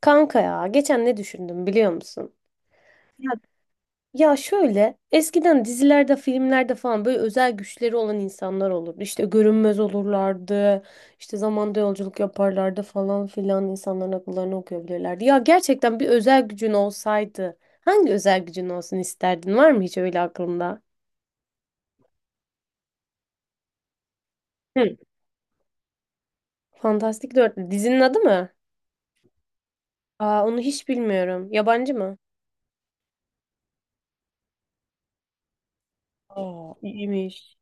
Kanka ya geçen ne düşündüm biliyor musun? Ya, Ya şöyle eskiden dizilerde filmlerde falan böyle özel güçleri olan insanlar olurdu. İşte görünmez olurlardı. İşte zamanda yolculuk yaparlardı falan filan, insanların akıllarını okuyabilirlerdi. Ya gerçekten bir özel gücün olsaydı hangi özel gücün olsun isterdin? Var mı hiç öyle aklında? Hı. Fantastik Dörtlü dizinin adı mı? Aa, onu hiç bilmiyorum. Yabancı mı? Aa, iyiymiş.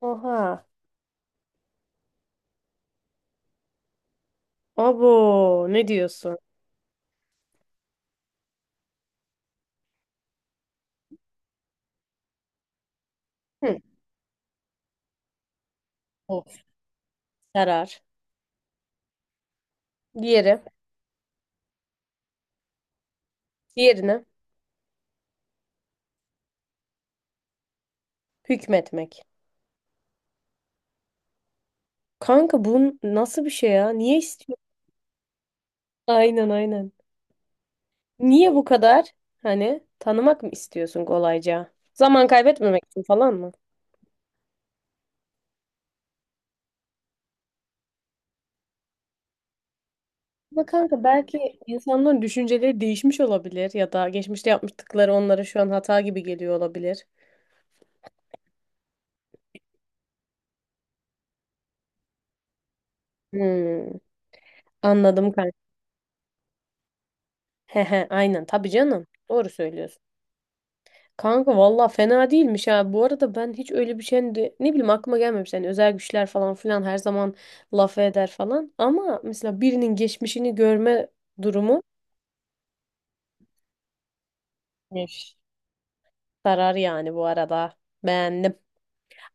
Oha. Abo, ne diyorsun? Hı. Karar. Diğeri. Diğerine hükmetmek. Kanka, bu nasıl bir şey ya? Niye istiyorsun? Aynen, aynen. Niye bu kadar? Hani tanımak mı istiyorsun kolayca? Zaman kaybetmemek için falan mı? Ama kanka belki insanların düşünceleri değişmiş olabilir, ya da geçmişte yapmıştıkları onlara şu an hata gibi geliyor olabilir. Hmm, anladım kanka. He he, aynen tabii canım. Doğru söylüyorsun. Kanka valla fena değilmiş ha. Bu arada ben hiç öyle bir ne bileyim, aklıma gelmemiş. Yani özel güçler falan filan her zaman laf eder falan. Ama mesela birinin geçmişini görme durumu. Miş. Sarar yani bu arada. Beğendim.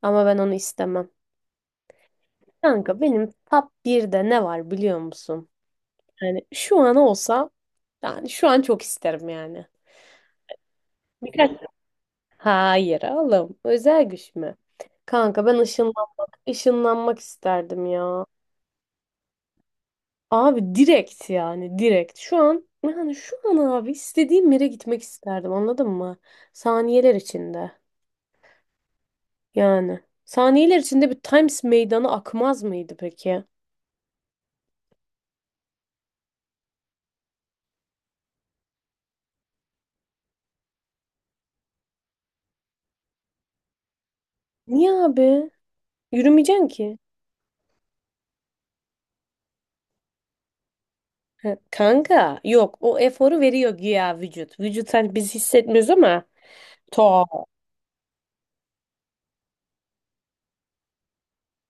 Ama ben onu istemem. Kanka benim top birde ne var biliyor musun? Yani şu an olsa, yani şu an çok isterim yani. Birkaç. Hayır oğlum. Özel güç mü? Kanka ben ışınlanmak isterdim ya. Abi direkt, yani direkt. Şu an yani şu an abi istediğim yere gitmek isterdim anladın mı? Saniyeler içinde yani. Saniyeler içinde bir Times meydanı akmaz mıydı peki? Niye abi? Yürümeyeceksin ki. Ha, kanka yok, o eforu veriyor güya vücut. Vücut, hani biz hissetmiyoruz ama to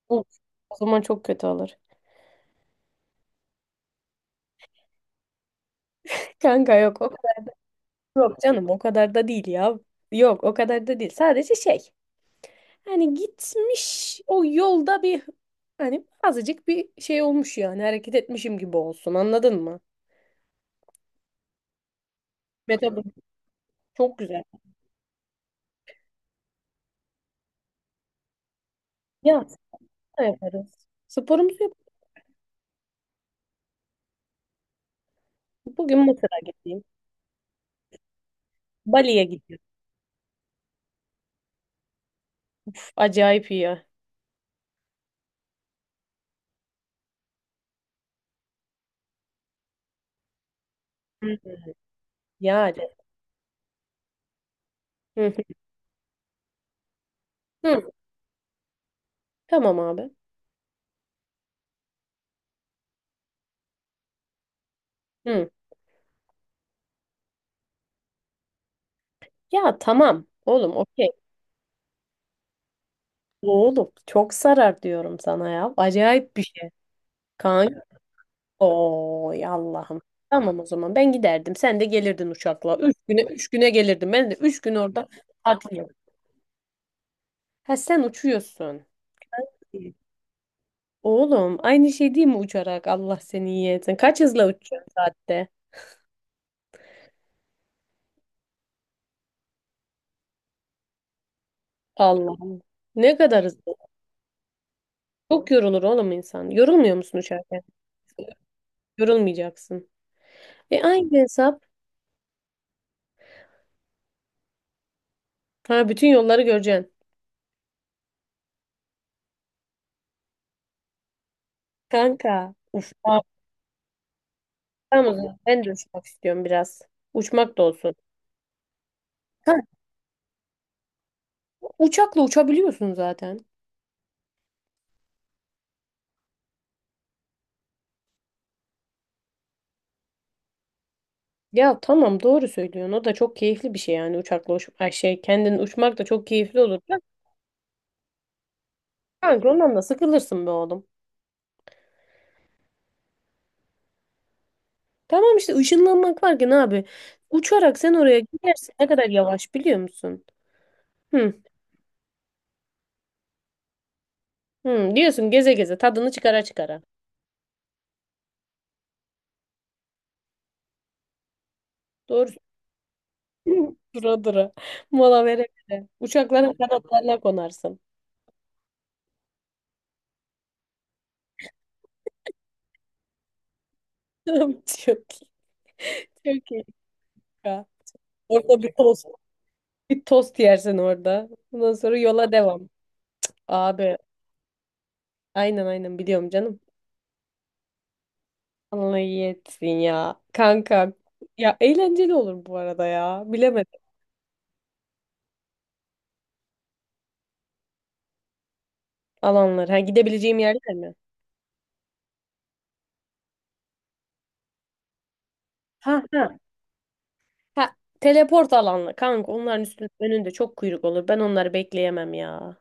o zaman çok kötü olur. Kanka yok, o kadar, yok canım, o kadar da değil ya. Yok, o kadar da değil. Sadece şey. Hani gitmiş o yolda bir, hani azıcık bir şey olmuş, yani hareket etmişim gibi olsun anladın mı? Metabolizm çok güzel. Ya spor yaparız. Sporumuzu yap. Bugün Mısır'a gideyim. Bali'ye gidiyorum. Uf, acayip iyi ya. Hı. Yani. Hı. Hı. Tamam abi. Hı. Ya tamam oğlum, okey. Oğlum çok sarar diyorum sana ya. Acayip bir şey. Kaan. Oy Allah'ım. Tamam o zaman, ben giderdim. Sen de gelirdin uçakla. 3 güne, 3 güne gelirdim. Ben de 3 gün orada tatil yap. Ha, sen uçuyorsun. Oğlum, aynı şey değil mi uçarak? Allah seni iyi etsin. Kaç hızla uçuyorsun saatte? Allah'ım. Ne kadar hızlı. Çok yorulur oğlum insan. Yorulmuyor musun uçarken? Yorulmayacaksın. E, aynı hesap. Ha, bütün yolları göreceksin. Kanka. Uf. Tamam o zaman. Ben de uçmak istiyorum biraz. Uçmak da olsun. Uçakla uçabiliyorsun zaten. Ya tamam, doğru söylüyorsun. O da çok keyifli bir şey yani. Uçakla uç ay şey kendin uçmak da çok keyifli olur. Ya, kanka ondan da sıkılırsın be oğlum. Tamam işte, ışınlanmak varken abi, uçarak sen oraya gidersin, ne kadar yavaş biliyor musun? Hı, hı, diyorsun geze geze, tadını çıkara çıkara. Doğru. Dura dura. Mola vere vere. Uçakların kanatlarına konarsın. Çok iyi. Çok iyi ya. Orada bir tost. Bir tost yersin orada. Ondan sonra yola devam. Abi aynen, aynen, biliyorum canım. Allah iyi etsin ya. Kanka ya, eğlenceli olur bu arada ya. Bilemedim. Alanlar. Ha, gidebileceğim yerler mi? Ha ha. Ha, teleport alanlar. Kanka onların üstün, önünde çok kuyruk olur. Ben onları bekleyemem ya.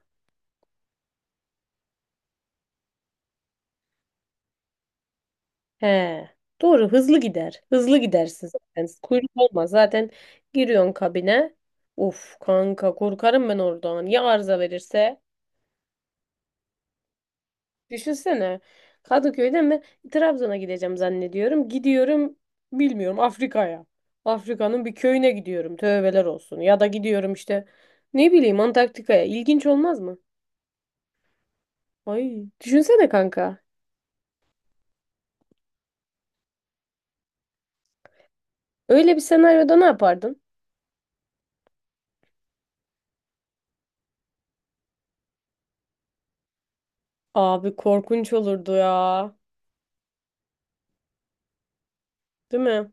He. Doğru, hızlı gider. Hızlı gidersin zaten. Kuyruk olmaz. Zaten giriyorsun kabine. Uf kanka, korkarım ben oradan. Ya arıza verirse? Düşünsene. Kadıköy'den ben Trabzon'a gideceğim zannediyorum. Gidiyorum bilmiyorum Afrika'ya. Afrika'nın bir köyüne gidiyorum. Tövbeler olsun. Ya da gidiyorum işte ne bileyim, Antarktika'ya. İlginç olmaz mı? Ay, düşünsene kanka. Öyle bir senaryoda ne yapardın? Abi, korkunç olurdu ya. Değil mi?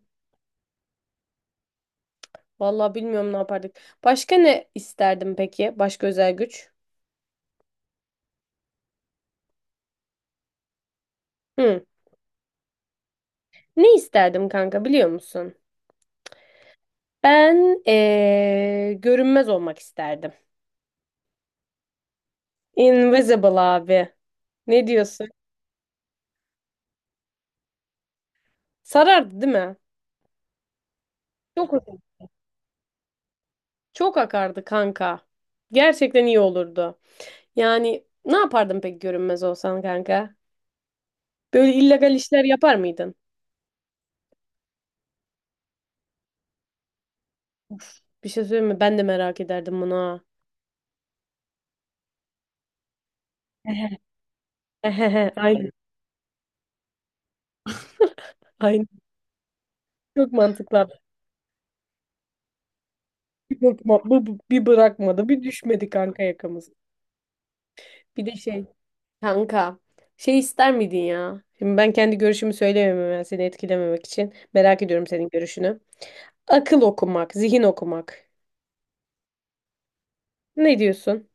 Vallahi bilmiyorum ne yapardık. Başka ne isterdim peki? Başka özel güç? Hı. Ne isterdim kanka biliyor musun? Ben görünmez olmak isterdim. Invisible abi. Ne diyorsun? Sarardı değil mi? Çok çok akardı kanka. Gerçekten iyi olurdu. Yani ne yapardın peki görünmez olsan kanka? Böyle illegal işler yapar mıydın? Of, bir şey söyleyeyim mi? Ben de merak ederdim bunu ha. Ehehe, aynen. Aynen. Çok mantıklı abi. Bir, bakma- bu- bu- bir bırakmadı. Bir düşmedi kanka yakamız. Bir de şey. Kanka, şey ister miydin ya? Şimdi ben kendi görüşümü söyleyemem, ben seni etkilememek için. Merak ediyorum senin görüşünü. Akıl okumak, zihin okumak. Ne diyorsun?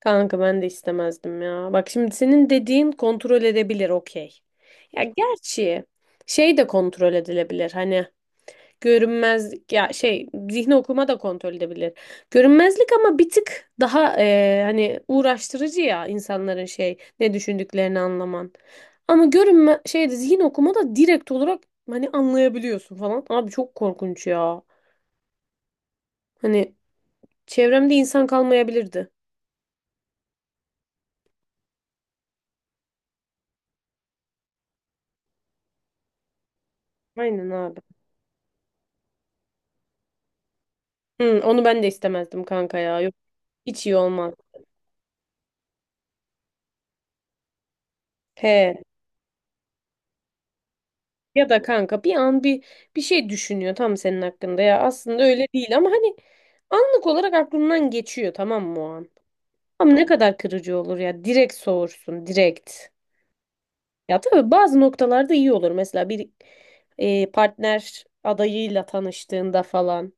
Kanka ben de istemezdim ya. Bak şimdi, senin dediğin kontrol edebilir okey. Ya gerçi şey de kontrol edilebilir hani. Görünmezlik ya şey, zihni okuma da kontrol edebilir. Görünmezlik ama bir tık daha hani uğraştırıcı ya, insanların şey ne düşündüklerini anlaman. Ama görünme şeyde, zihin okuma da direkt olarak hani anlayabiliyorsun falan. Abi çok korkunç ya. Hani çevremde insan kalmayabilirdi. Aynen abi. Hı, onu ben de istemezdim kanka ya. Yok, hiç iyi olmaz. He. Ya da kanka bir an bir şey düşünüyor tam senin hakkında, ya aslında öyle değil ama hani anlık olarak aklından geçiyor, tamam mı o an? Ama ne kadar kırıcı olur ya, direkt soğursun direkt. Ya tabii bazı noktalarda iyi olur, mesela bir partner adayıyla tanıştığında falan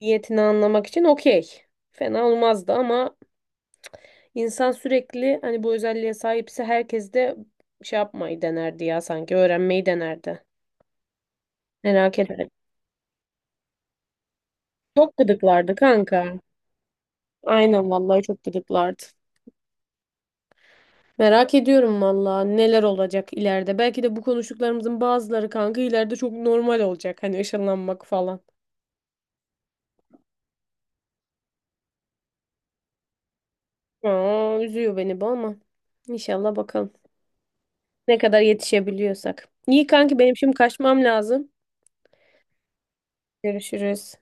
niyetini anlamak için okey, fena olmazdı ama insan sürekli hani bu özelliğe sahipse, herkes de şey yapmayı denerdi ya, sanki öğrenmeyi denerdi, merak ederim. Çok gıdıklardı kanka. Aynen vallahi, çok gıdıklardı. Merak ediyorum vallahi neler olacak ileride. Belki de bu konuştuklarımızın bazıları kanka ileride çok normal olacak. Hani ışınlanmak falan. Aa, üzüyor beni bu ama. İnşallah bakalım. Ne kadar yetişebiliyorsak. İyi kanki, benim şimdi kaçmam lazım. Görüşürüz.